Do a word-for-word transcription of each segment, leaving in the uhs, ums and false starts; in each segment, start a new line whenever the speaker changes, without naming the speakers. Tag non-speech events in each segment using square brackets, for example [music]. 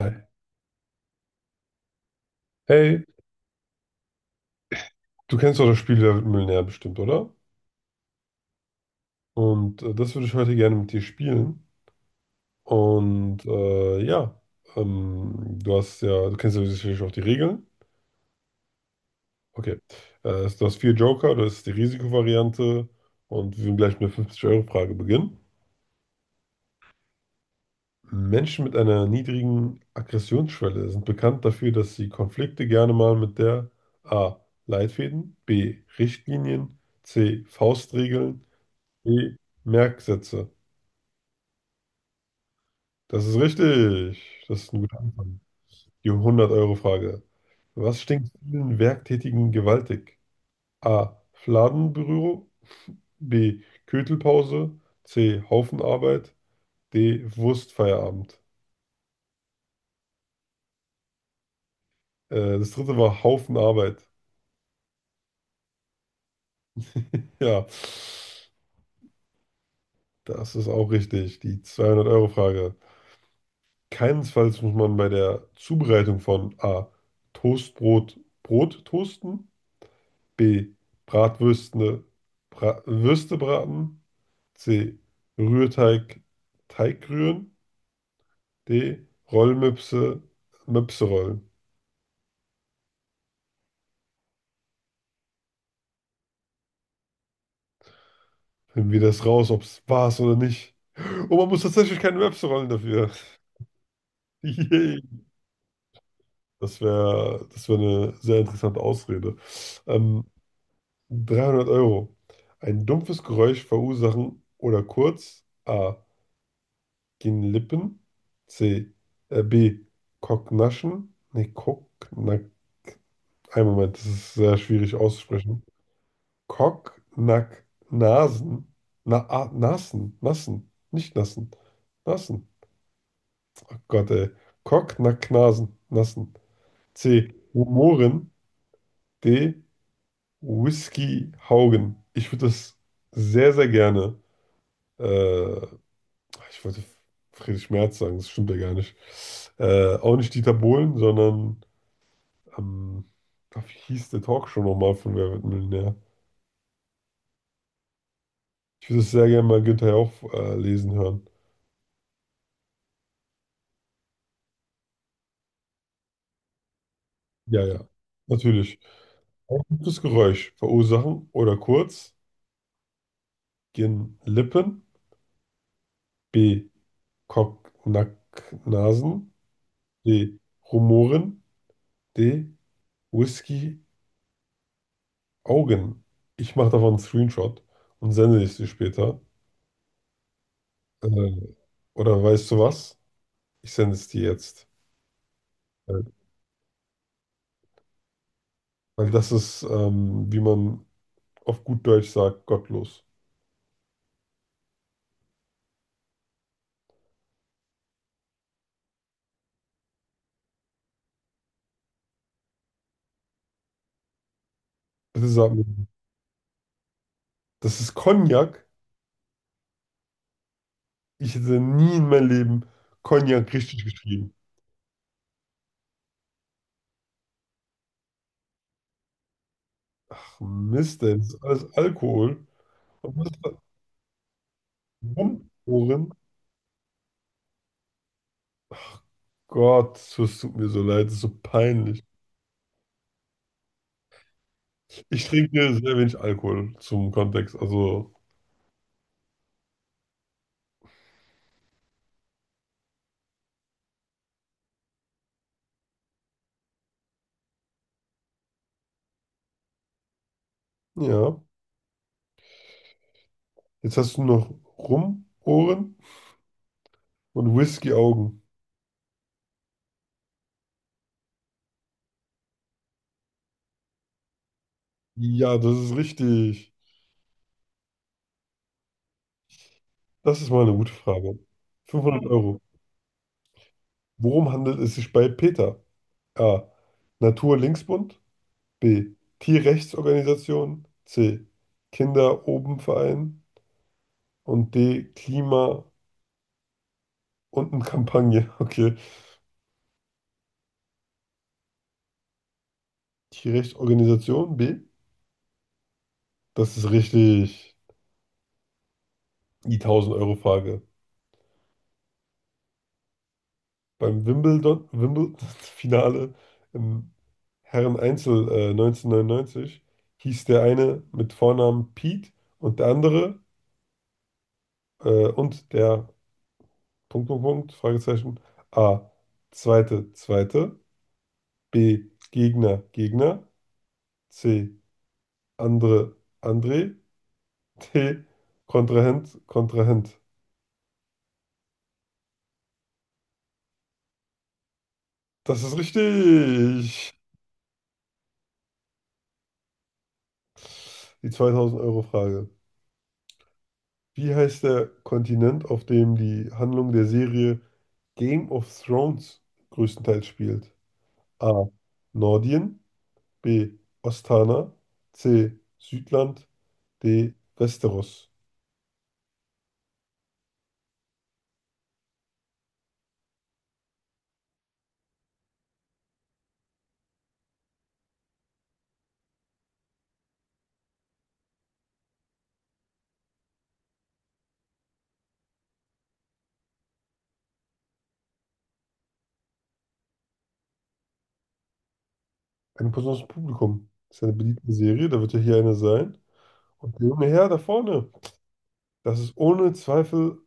Hi. Hey, du kennst doch das Spiel Wer wird Millionär bestimmt, oder? Und äh, das würde ich heute gerne mit dir spielen. Und äh, ja, ähm, du hast ja, Du kennst ja sicherlich auch die Regeln. Okay. Äh, du hast vier Joker, das ist die Risikovariante. Und wir werden gleich mit der fünfzig-Euro-Frage beginnen. Menschen mit einer niedrigen Aggressionsschwelle sind bekannt dafür, dass sie Konflikte gerne mal mit der A. Leitfäden, B. Richtlinien, C. Faustregeln, D. Merksätze. Das ist richtig. Das ist ein guter Anfang. Die hundert-Euro-Frage. Was stinkt vielen Werktätigen gewaltig? A. Fladenbüro, B. Köttelpause, C. Haufenarbeit, D. Wurstfeierabend. Äh, das dritte war Haufenarbeit. Ja, das ist auch richtig. Die zweihundert-Euro-Frage. Keinesfalls muss man bei der Zubereitung von A. Toastbrot Brot toasten, B. Bratwürste, Bra Würste braten, C. Rührteig, Teig rühren, D. Rollmöpse, Möpse rollen. Finden wir das raus, ob es war oder nicht. Und man muss tatsächlich keine Möpse rollen dafür. [laughs] Yay. Das wäre das wär eine sehr interessante Ausrede. Ähm, dreihundert Euro. Ein dumpfes Geräusch verursachen oder kurz: A. Gehen Lippen, C. Äh, B. Kocknaschen. Nee, Kock, Ein Moment, das ist sehr schwierig auszusprechen. Kock, Nack, Nasen. Na, ah, Nassen, Nassen, nicht Nassen. Nassen. Oh Gott, ey. Kock, Nack, Nasen, Nassen. C. Humoren, D. Whisky Haugen. Ich würde das sehr, sehr gerne. Äh, Ich wollte Friedrich Merz sagen, das stimmt ja gar nicht. Äh, auch nicht Dieter Bohlen, sondern. Ähm, Ach, wie hieß der Talkshow nochmal von Wer wird Millionär? Ich würde es sehr gerne mal Günther Jauch äh, lesen hören. Ja, ja. Natürlich. Ein gutes Geräusch verursachen oder kurz: Gehen Lippen, B. Kocknacknasen, D. Rumoren, D. Whisky Augen. Ich mache davon einen Screenshot und sende es dir später. Äh, oder weißt du was? Ich sende es dir jetzt. Äh, Weil das ist, ähm, wie man auf gut Deutsch sagt, gottlos. Bitte sag mir, das ist Cognac. Ich hätte nie in meinem Leben Cognac richtig geschrieben. Ach, Mist, ey, das ist alles Alkohol. Und was da rumporen? Gott, es tut mir so leid, das ist so peinlich. Ich trinke sehr wenig Alkohol zum Kontext. Also, ja. Jetzt hast du noch Rumohren und Whisky-Augen. Ja, das ist richtig. Das ist mal eine gute Frage. fünfhundert Euro. Worum handelt es sich bei Peter? A. Natur-Linksbund, B. Tierrechtsorganisation, C. Kinder oben Verein und D. Klima- und Kampagne. [laughs] Okay. Tierrechtsorganisation B. Das ist richtig. Die tausend Euro Frage. Beim Wimbledon, Wimbledon-Finale [laughs] im Herren-Einzel äh, neunzehnhundertneunundneunzig hieß der eine mit Vornamen Pete und der andere, äh, und der Punkt, Punkt, Punkt, Fragezeichen. A. Zweite, zweite, B. Gegner, Gegner, C. Andre, André, D. Kontrahent, Kontrahent. Das ist richtig. Die zweitausend Euro Frage. Wie heißt der Kontinent, auf dem die Handlung der Serie Game of Thrones größtenteils spielt? A. Nordien, B. Ostana, C. Südland, D. Westeros. Eine Person aus dem Publikum. Das ist eine beliebte Serie, da wird ja hier eine sein. Und der junge Herr da vorne, das ist ohne Zweifel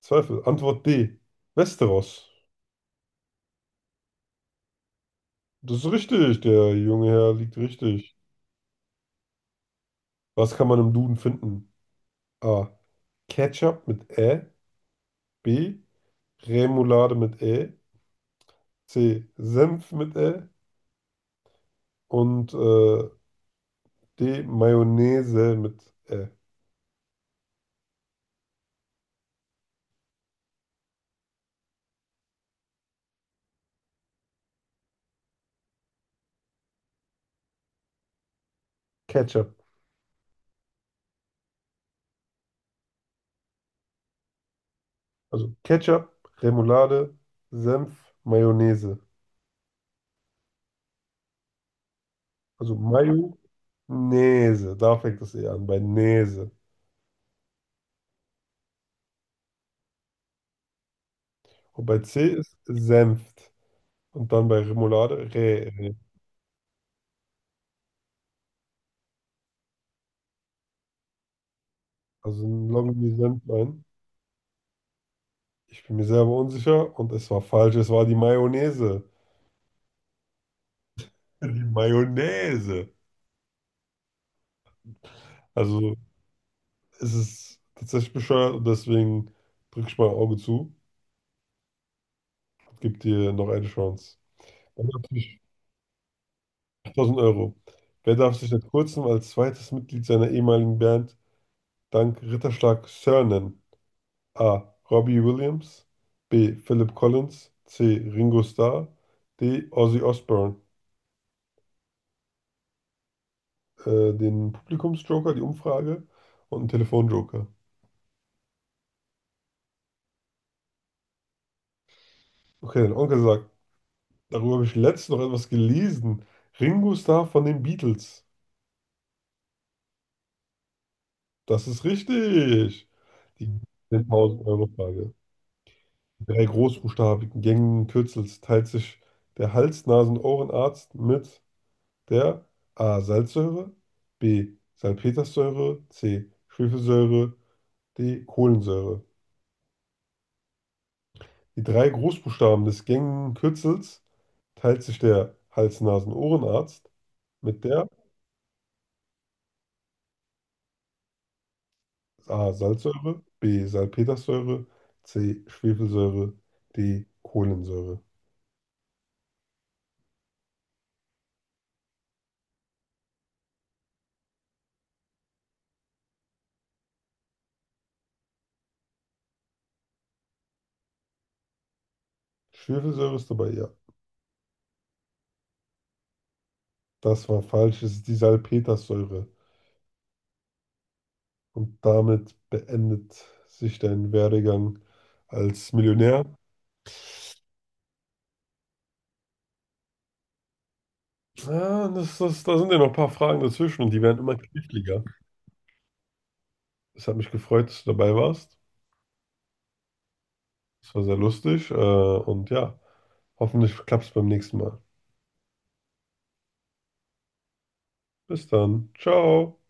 Zweifel. Antwort D. Westeros. Das ist richtig. Der junge Herr liegt richtig. Was kann man im Duden finden? A. Ketchup mit Ä, B. Remoulade mit Ä, C. Senf mit Ä und äh, D. Mayonnaise mit Ä. Ketchup. Also Ketchup, Remoulade, Senf, Mayonnaise. Also Mayonnaise. Da fängt das E an, bei Näse. Und bei C ist Senft. Und dann bei Remoulade Rä. Also ein Lonely Sandlein. Ich bin mir selber unsicher und es war falsch. Es war die Mayonnaise. Die Mayonnaise. Also es ist tatsächlich bescheuert und deswegen drücke ich mein Auge zu und gebe dir noch eine Chance. Dann natürlich tausend Euro. Wer darf sich seit kurzem als zweites Mitglied seiner ehemaligen Band dank Ritterschlag Sir nennen? A. Robbie Williams, B. Philip Collins, C. Ringo Starr, D. Ozzy Osbourne. Äh, den Publikumsjoker, die Umfrage und einen Telefonjoker. Okay, dein Onkel sagt, darüber habe ich letztens noch etwas gelesen. Ringo Starr von den Beatles. Das ist richtig. Die zehntausend-Euro-Frage. In drei großbuchstabigen Gängen Kürzels teilt sich der Hals-, Nasen- und Ohrenarzt mit der A. Salzsäure, B. Salpetersäure, C. Schwefelsäure, D. Kohlensäure. Die drei Großbuchstaben des gängigen Kürzels teilt sich der Hals-Nasen-Ohrenarzt mit der A. Salzsäure, B. Salpetersäure, C. Schwefelsäure, D. Kohlensäure. Schwefelsäure ist dabei, ja. Das war falsch, es ist die Salpetersäure. Damit beendet sich dein Werdegang als Millionär. Ah, das, das, da sind ja noch ein paar Fragen dazwischen und die werden immer kniffliger. Es hat mich gefreut, dass du dabei warst. Es war sehr lustig äh, und ja. Hoffentlich klappt es beim nächsten Mal. Bis dann. Ciao.